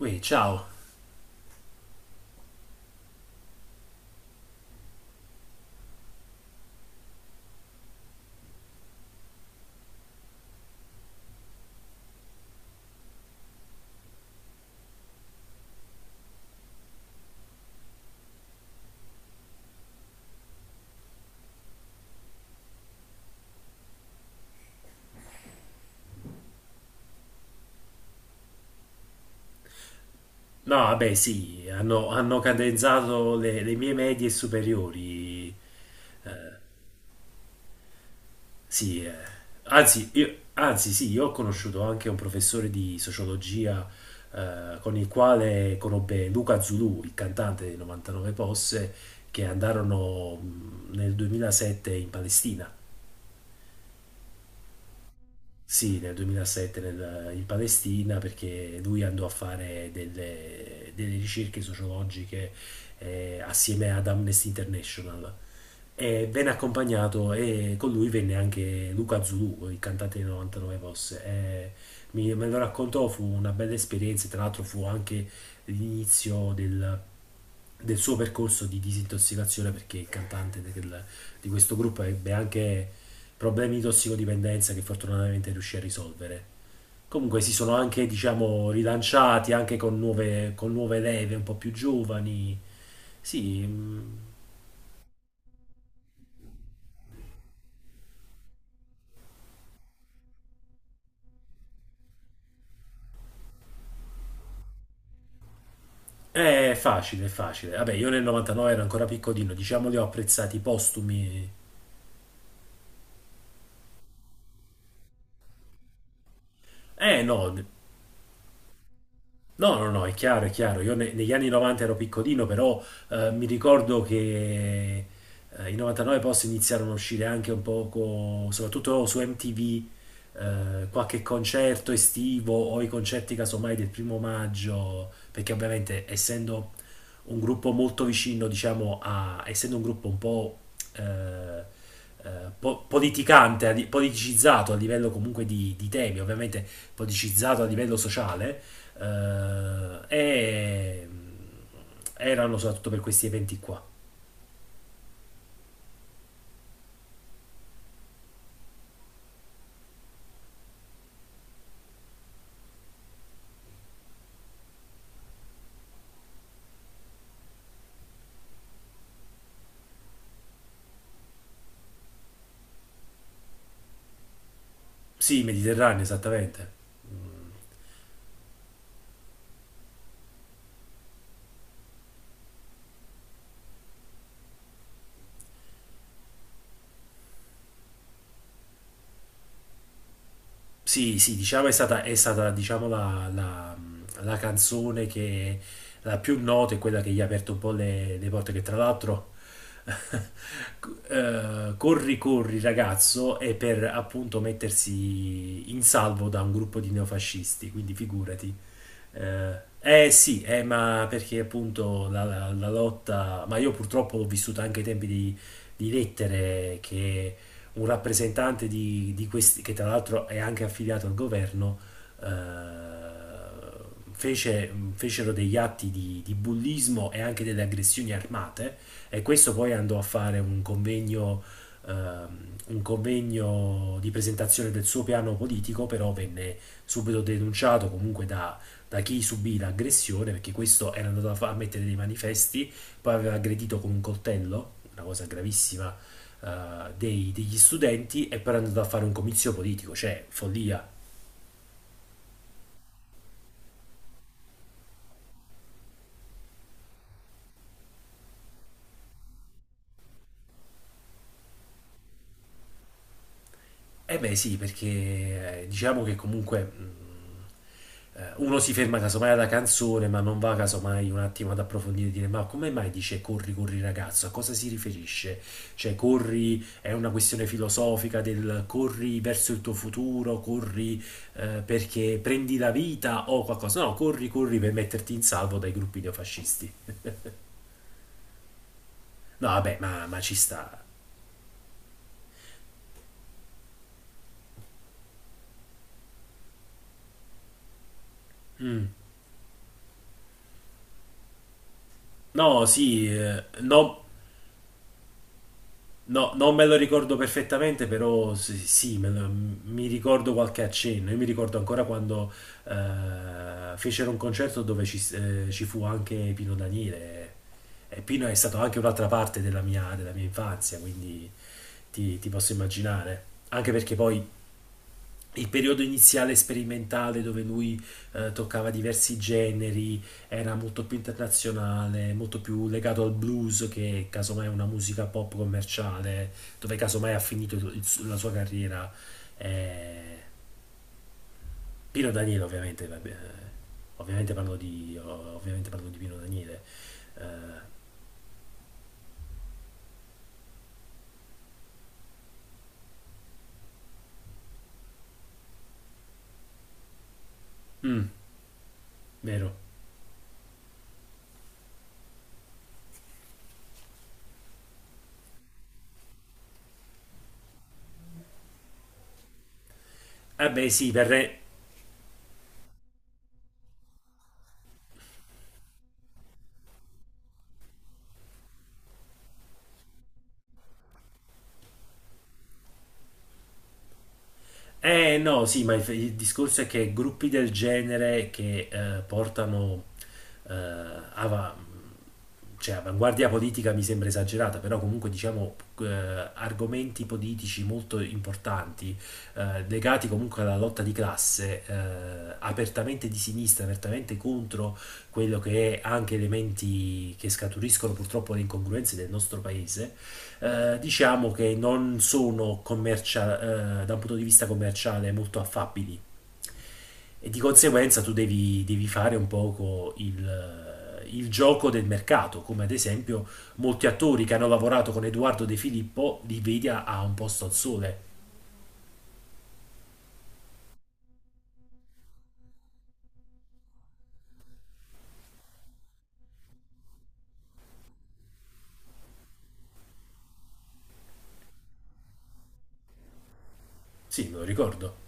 Ui, ciao. No, vabbè, sì, hanno cadenzato le mie medie superiori. Eh, sì, eh. Anzi, sì, io ho conosciuto anche un professore di sociologia con il quale conobbe Luca Zulù, il cantante dei 99 Posse, che andarono nel 2007 in Palestina. Sì, nel 2007 in Palestina perché lui andò a fare delle ricerche sociologiche assieme ad Amnesty International e venne accompagnato e con lui venne anche Luca Zulu, il cantante dei 99 Posse. E me lo raccontò, fu una bella esperienza, tra l'altro fu anche l'inizio del suo percorso di disintossicazione perché il cantante di questo gruppo ebbe anche problemi di tossicodipendenza che fortunatamente riuscì a risolvere. Comunque si sono anche, diciamo, rilanciati anche con nuove leve un po' più giovani. Sì, è facile, è facile. Vabbè, io nel 99 ero ancora piccolino, diciamo li ho apprezzati postumi. Eh no, no, no, no, è chiaro, è chiaro. Io negli anni 90 ero piccolino, però mi ricordo che i 99 post iniziarono a uscire anche un poco, soprattutto su MTV, qualche concerto estivo o i concerti casomai del primo maggio, perché ovviamente essendo un gruppo molto vicino, diciamo, a, essendo un gruppo un po' eh, politicante, politicizzato a livello comunque di temi, ovviamente politicizzato a livello sociale, e erano soprattutto per questi eventi qua. Sì, Mediterraneo, esattamente. Mm. Sì, sì, diciamo è stata diciamo, la canzone che la più nota è quella che gli ha aperto un po' le porte, che tra l'altro Corri Corri ragazzo è per appunto mettersi in salvo da un gruppo di neofascisti, quindi figurati. Eh sì, ma perché appunto la lotta, ma io purtroppo l'ho vissuta anche ai tempi di Lettere, che un rappresentante di questi, che tra l'altro è anche affiliato al governo, eh, fecero degli atti di bullismo e anche delle aggressioni armate, e questo poi andò a fare ehm, un convegno di presentazione del suo piano politico, però venne subito denunciato comunque da chi subì l'aggressione, perché questo era andato a mettere dei manifesti, poi aveva aggredito con un coltello, una cosa gravissima, degli studenti e poi era andato a fare un comizio politico, cioè follia. Eh beh sì, perché diciamo che comunque uno si ferma casomai alla canzone, ma non va casomai un attimo ad approfondire e dire ma come mai dice corri, corri ragazzo? A cosa si riferisce? Cioè corri è una questione filosofica del corri verso il tuo futuro, corri perché prendi la vita o qualcosa. No, corri, corri per metterti in salvo dai gruppi neofascisti. No, vabbè, ma ci sta. Mm. No, sì, no, no, non me lo ricordo perfettamente, però sì, sì, mi ricordo qualche accenno. Io mi ricordo ancora quando fecero un concerto dove ci fu anche Pino Daniele. E Pino è stato anche un'altra parte della mia infanzia, quindi ti posso immaginare. Anche perché poi il periodo iniziale sperimentale dove lui toccava diversi generi, era molto più internazionale, molto più legato al blues che casomai è una musica pop commerciale, dove casomai ha finito la sua carriera. Eh, Pino Daniele ovviamente, vabbè, ovviamente parlo di Pino Daniele. Eh, mm, vero. Eh beh sì, per, re- Eh no, sì, ma il discorso è che gruppi del genere che portano eh, ava- cioè, avanguardia politica mi sembra esagerata, però comunque diciamo argomenti politici molto importanti legati comunque alla lotta di classe, apertamente di sinistra, apertamente contro quello che è anche elementi che scaturiscono purtroppo le incongruenze del nostro paese, diciamo che non sono da un punto di vista commerciale molto affabili e di conseguenza tu devi fare un poco il gioco del mercato, come ad esempio molti attori che hanno lavorato con Edoardo De Filippo li vedi a un posto al sole. Sì, me lo ricordo.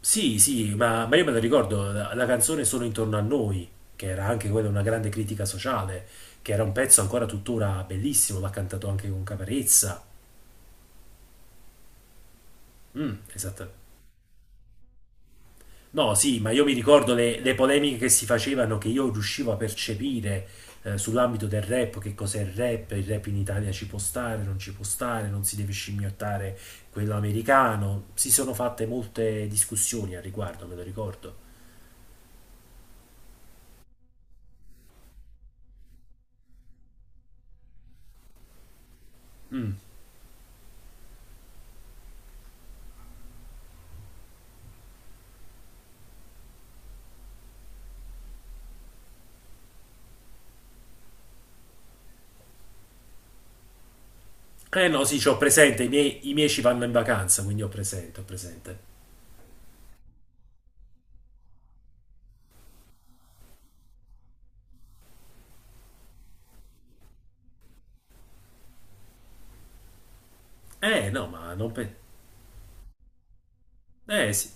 Sì, sì, ma io me lo ricordo, la canzone Sono intorno a noi, che era anche quella una grande critica sociale, che era un pezzo ancora tuttora bellissimo, l'ha cantato anche con Caparezza. Mm, esatto. No, sì, ma io mi ricordo le polemiche che si facevano, che io riuscivo a percepire sull'ambito del rap, che cos'è il rap in Italia ci può stare, non ci può stare, non si deve scimmiottare quello americano. Si sono fatte molte discussioni al riguardo, me lo ricordo. Mm. Eh no, sì, c'ho presente, i miei ci vanno in vacanza, quindi ho presente, ho presente. Eh no, ma non, eh sì,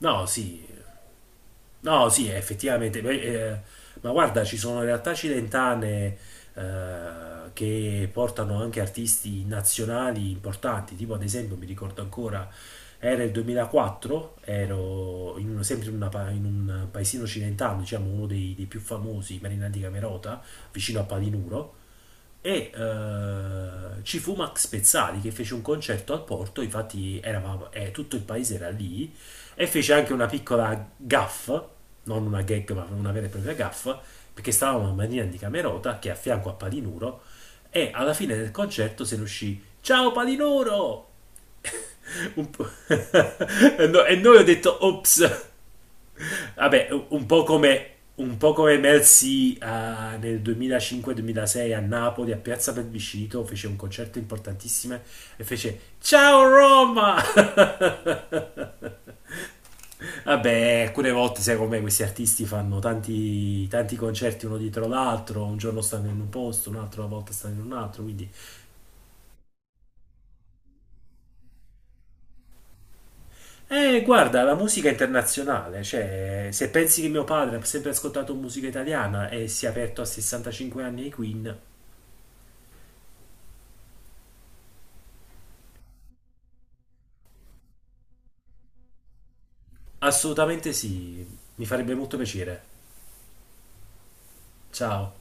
no, sì, no, sì, effettivamente. Beh, ma guarda, ci sono realtà cilentane che portano anche artisti nazionali importanti, tipo ad esempio, mi ricordo ancora, era il 2004, ero in uno- sempre in, una pa- in un paesino cilentano, diciamo uno dei più famosi, Marina di Camerota, vicino a Palinuro, e ci fu Max Pezzali che fece un concerto al porto, infatti eravamo, tutto il paese era lì, e fece anche una piccola gaffa, non una gag ma una vera e propria gaffa, perché stavamo a Marina di Camerota, che è a fianco a Palinuro, e alla fine del concerto se ne uscì "Ciao Palinuro!" Un po'. E e noi ho detto, ops. Vabbè, un po' come Mercy nel 2005-2006 a Napoli, a Piazza Plebiscito, fece un concerto importantissimo e fece "Ciao Roma!" Vabbè, alcune volte, sai com'è, questi artisti fanno tanti, tanti concerti uno dietro l'altro, un giorno stanno in un posto, un'altra volta stanno in un altro, quindi. Guarda, la musica internazionale, cioè, se pensi che mio padre ha sempre ascoltato musica italiana e si è aperto a 65 anni ai Queen. Assolutamente sì, mi farebbe molto piacere. Ciao.